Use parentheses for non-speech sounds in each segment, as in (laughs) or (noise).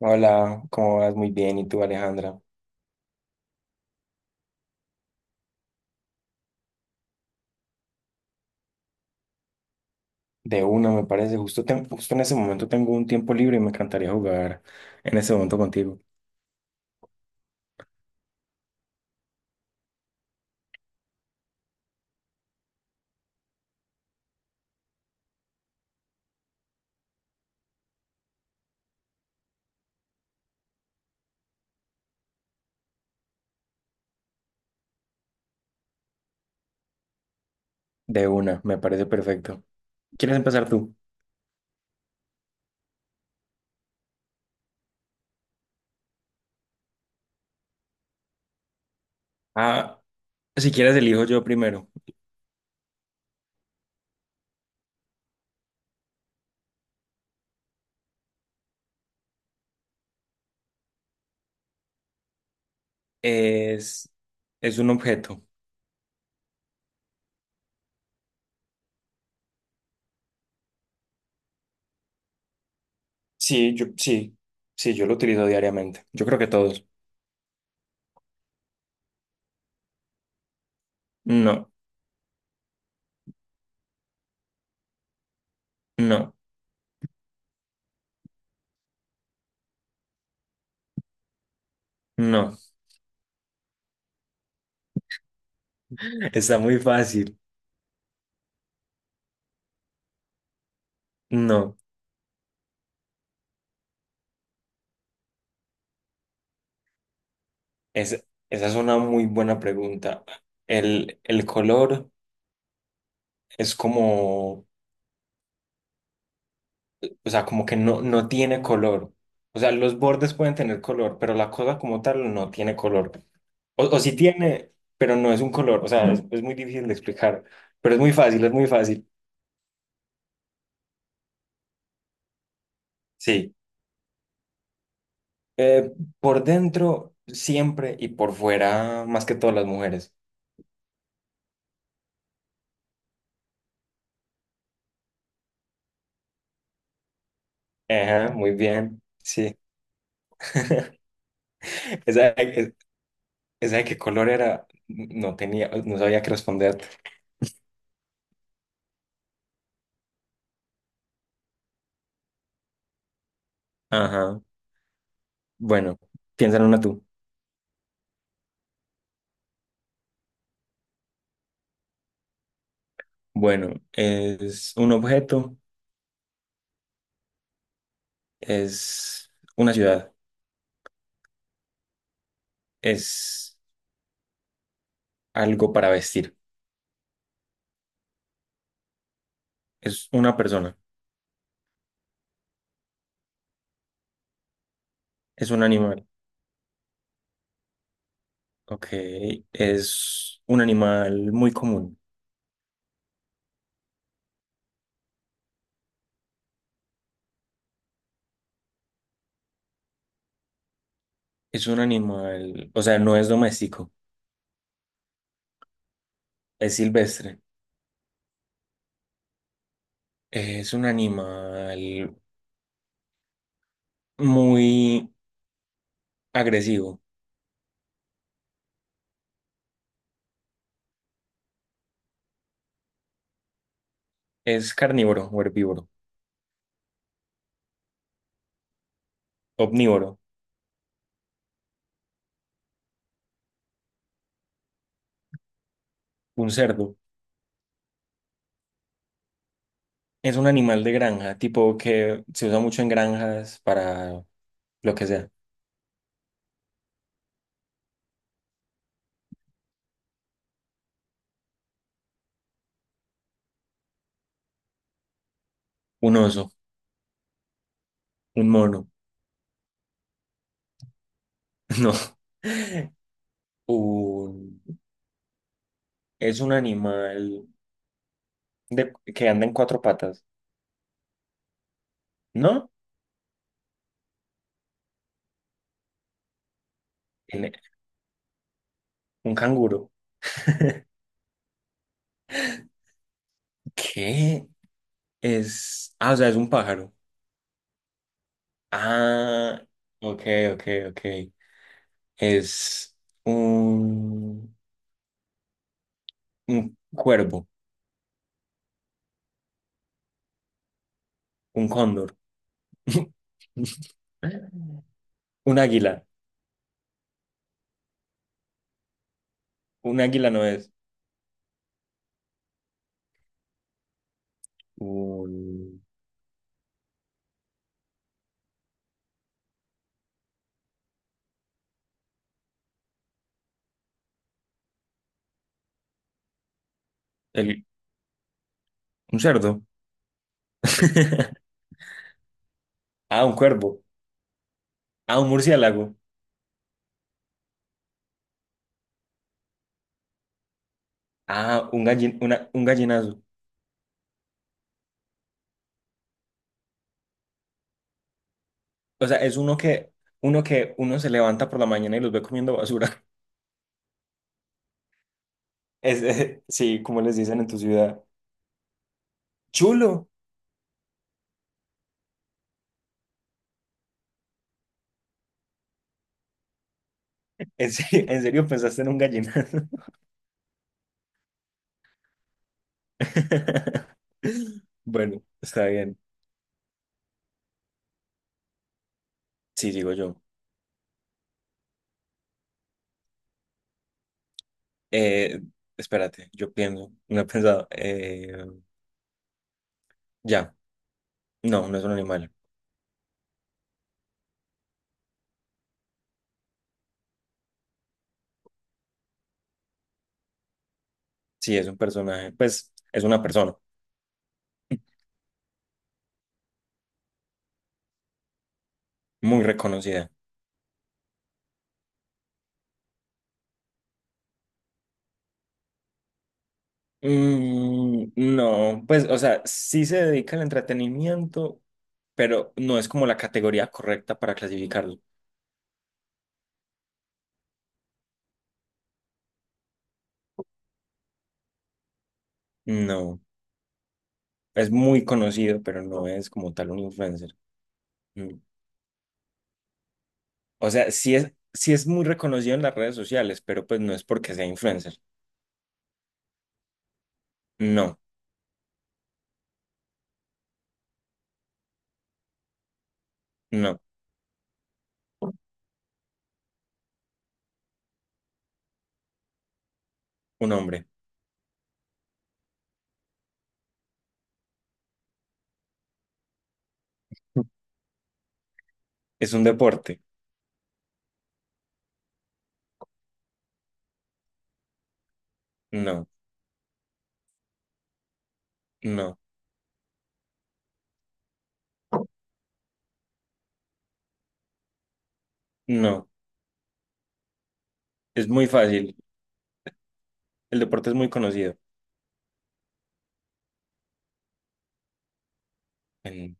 Hola, ¿cómo vas? Muy bien. ¿Y tú, Alejandra? De una, me parece. Justo, justo en ese momento tengo un tiempo libre y me encantaría jugar en ese momento contigo. De una, me parece perfecto. ¿Quieres empezar tú? Ah, si quieres, elijo yo primero. Es, es un objeto. Sí, yo, sí, sí, yo lo utilizo diariamente. Yo creo que todos. No, no, no. (laughs) Está muy fácil. No. Es, esa es una muy buena pregunta. El color es como... O sea, como que no, no tiene color. O sea, los bordes pueden tener color, pero la cosa como tal no tiene color. O sí tiene, pero no es un color. O sea, es muy difícil de explicar, pero es muy fácil, es muy fácil. Sí. Eh, por dentro siempre y por fuera más que todas las mujeres. Ajá, muy bien. Sí. (laughs) Esa, esa de qué color era, no tenía, no sabía qué responder. Ajá. Bueno, piensa en una tú. Bueno, es un objeto. Es una ciudad, es algo para vestir, es una persona, es un animal, ok, es un animal muy común, es un animal, o sea, no es doméstico, es silvestre, es un animal muy agresivo, es carnívoro o herbívoro, omnívoro, un cerdo, es un animal de granja, tipo que se usa mucho en granjas para lo que sea, un oso, un mono, (laughs) no. Un, es un animal que anda en cuatro patas, ¿no? En- un canguro. ¿Qué? Es, ah, o sea, es un pájaro. Ah, ok, ok, ok. Es un, un cuervo, un cóndor. (laughs) Un águila. Un águila no es. Un, el- un cerdo. (laughs) Ah, un cuervo. Ah, un murciélago. Ah, un un gallinazo. O sea, uno que uno se levanta por la mañana y los ve comiendo basura. (laughs) Es, sí, como les dicen en tu ciudad. Chulo. En serio pensaste en un gallinazo? (laughs) Bueno, está bien. Sí, digo yo. Eh, espérate, yo pienso. No he pensado. Ya. No, no es un animal. Sí, es un personaje. Pues es una persona muy reconocida. Mm, no, pues, o sea, sí se dedica al entretenimiento, pero no es como la categoría correcta para clasificarlo. No, es muy conocido, pero no es como tal un influencer. Mm. O sea, sí es muy reconocido en las redes sociales, pero pues no es porque sea influencer. No, no, un hombre. ¿Es un deporte? No, no, no. Es muy fácil. El deporte es muy conocido. En-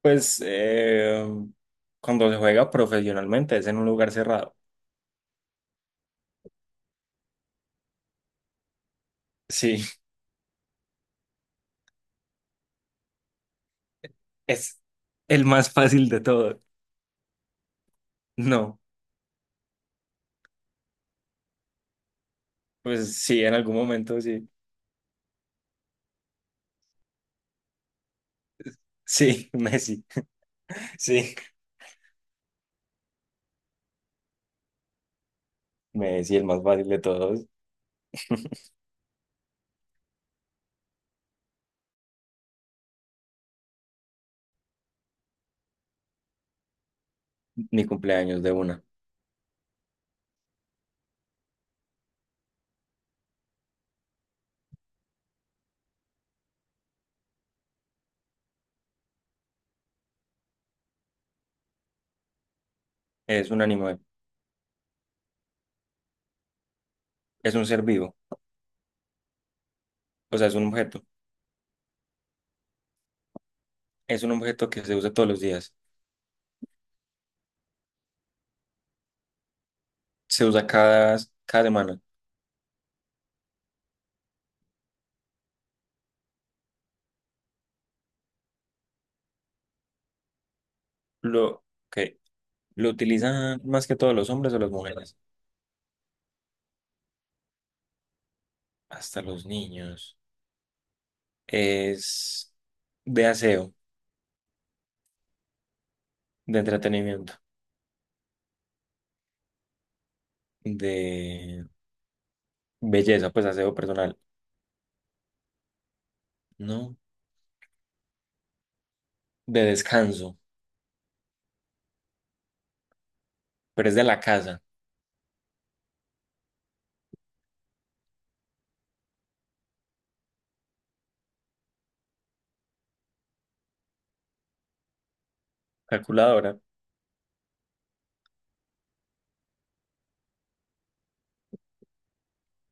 Pues cuando se juega profesionalmente es en un lugar cerrado. Sí, es el más fácil de todo. No, pues sí, en algún momento sí. Sí, (laughs) Messi. Sí, Messi, el más fácil de todos. Mi cumpleaños de una. Es un animal, es un ser vivo, o sea, es un objeto. Es un objeto que se usa todos los días. Se usa cada semana. Lo que lo utilizan más que todos los hombres o las mujeres, hasta los niños. Es de aseo, de entretenimiento, de belleza, pues aseo personal. No. De descanso, pero es de la casa. Calculadora,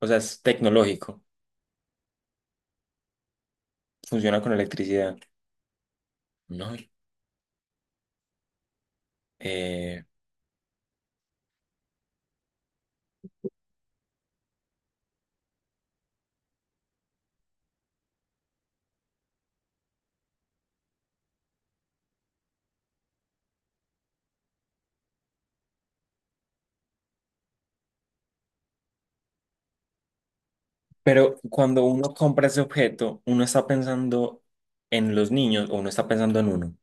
o sea, es tecnológico, funciona con electricidad. No, eh, pero cuando uno compra ese objeto, uno está pensando en los niños o uno está pensando en uno.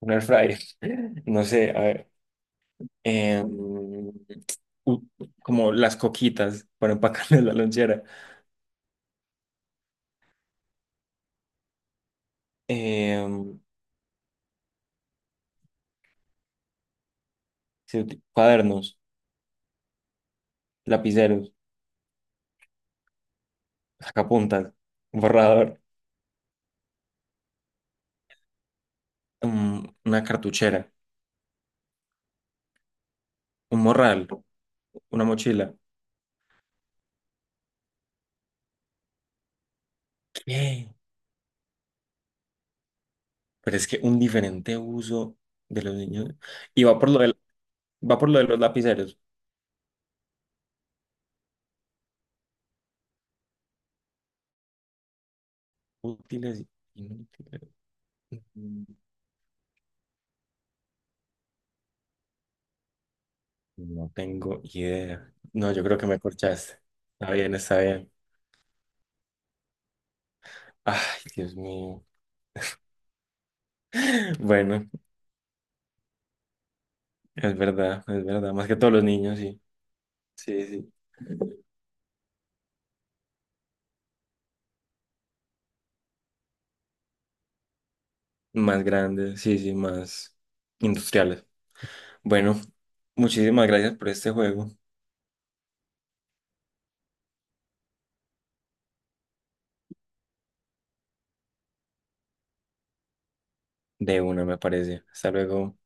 Un air fryer. (laughs) No sé, a ver. eh, u- como las coquitas para empacarle (laughs) la lonchera. eh, cuadernos, lapiceros, sacapuntas, borrador, mm, una cartuchera. Un morral, una mochila. ¿Qué? Pero es que un diferente uso de los niños. Y va por lo de los lapiceros. Útiles y inútiles. Mm, no tengo idea. No, yo creo que me corchaste. Está bien, está bien. Ay, Dios mío. Bueno, es verdad, es verdad. Más que todos los niños, sí. Sí, sí. Más grandes, sí, sí, más industriales. Bueno, muchísimas gracias por este juego. De una, me parece. Hasta luego.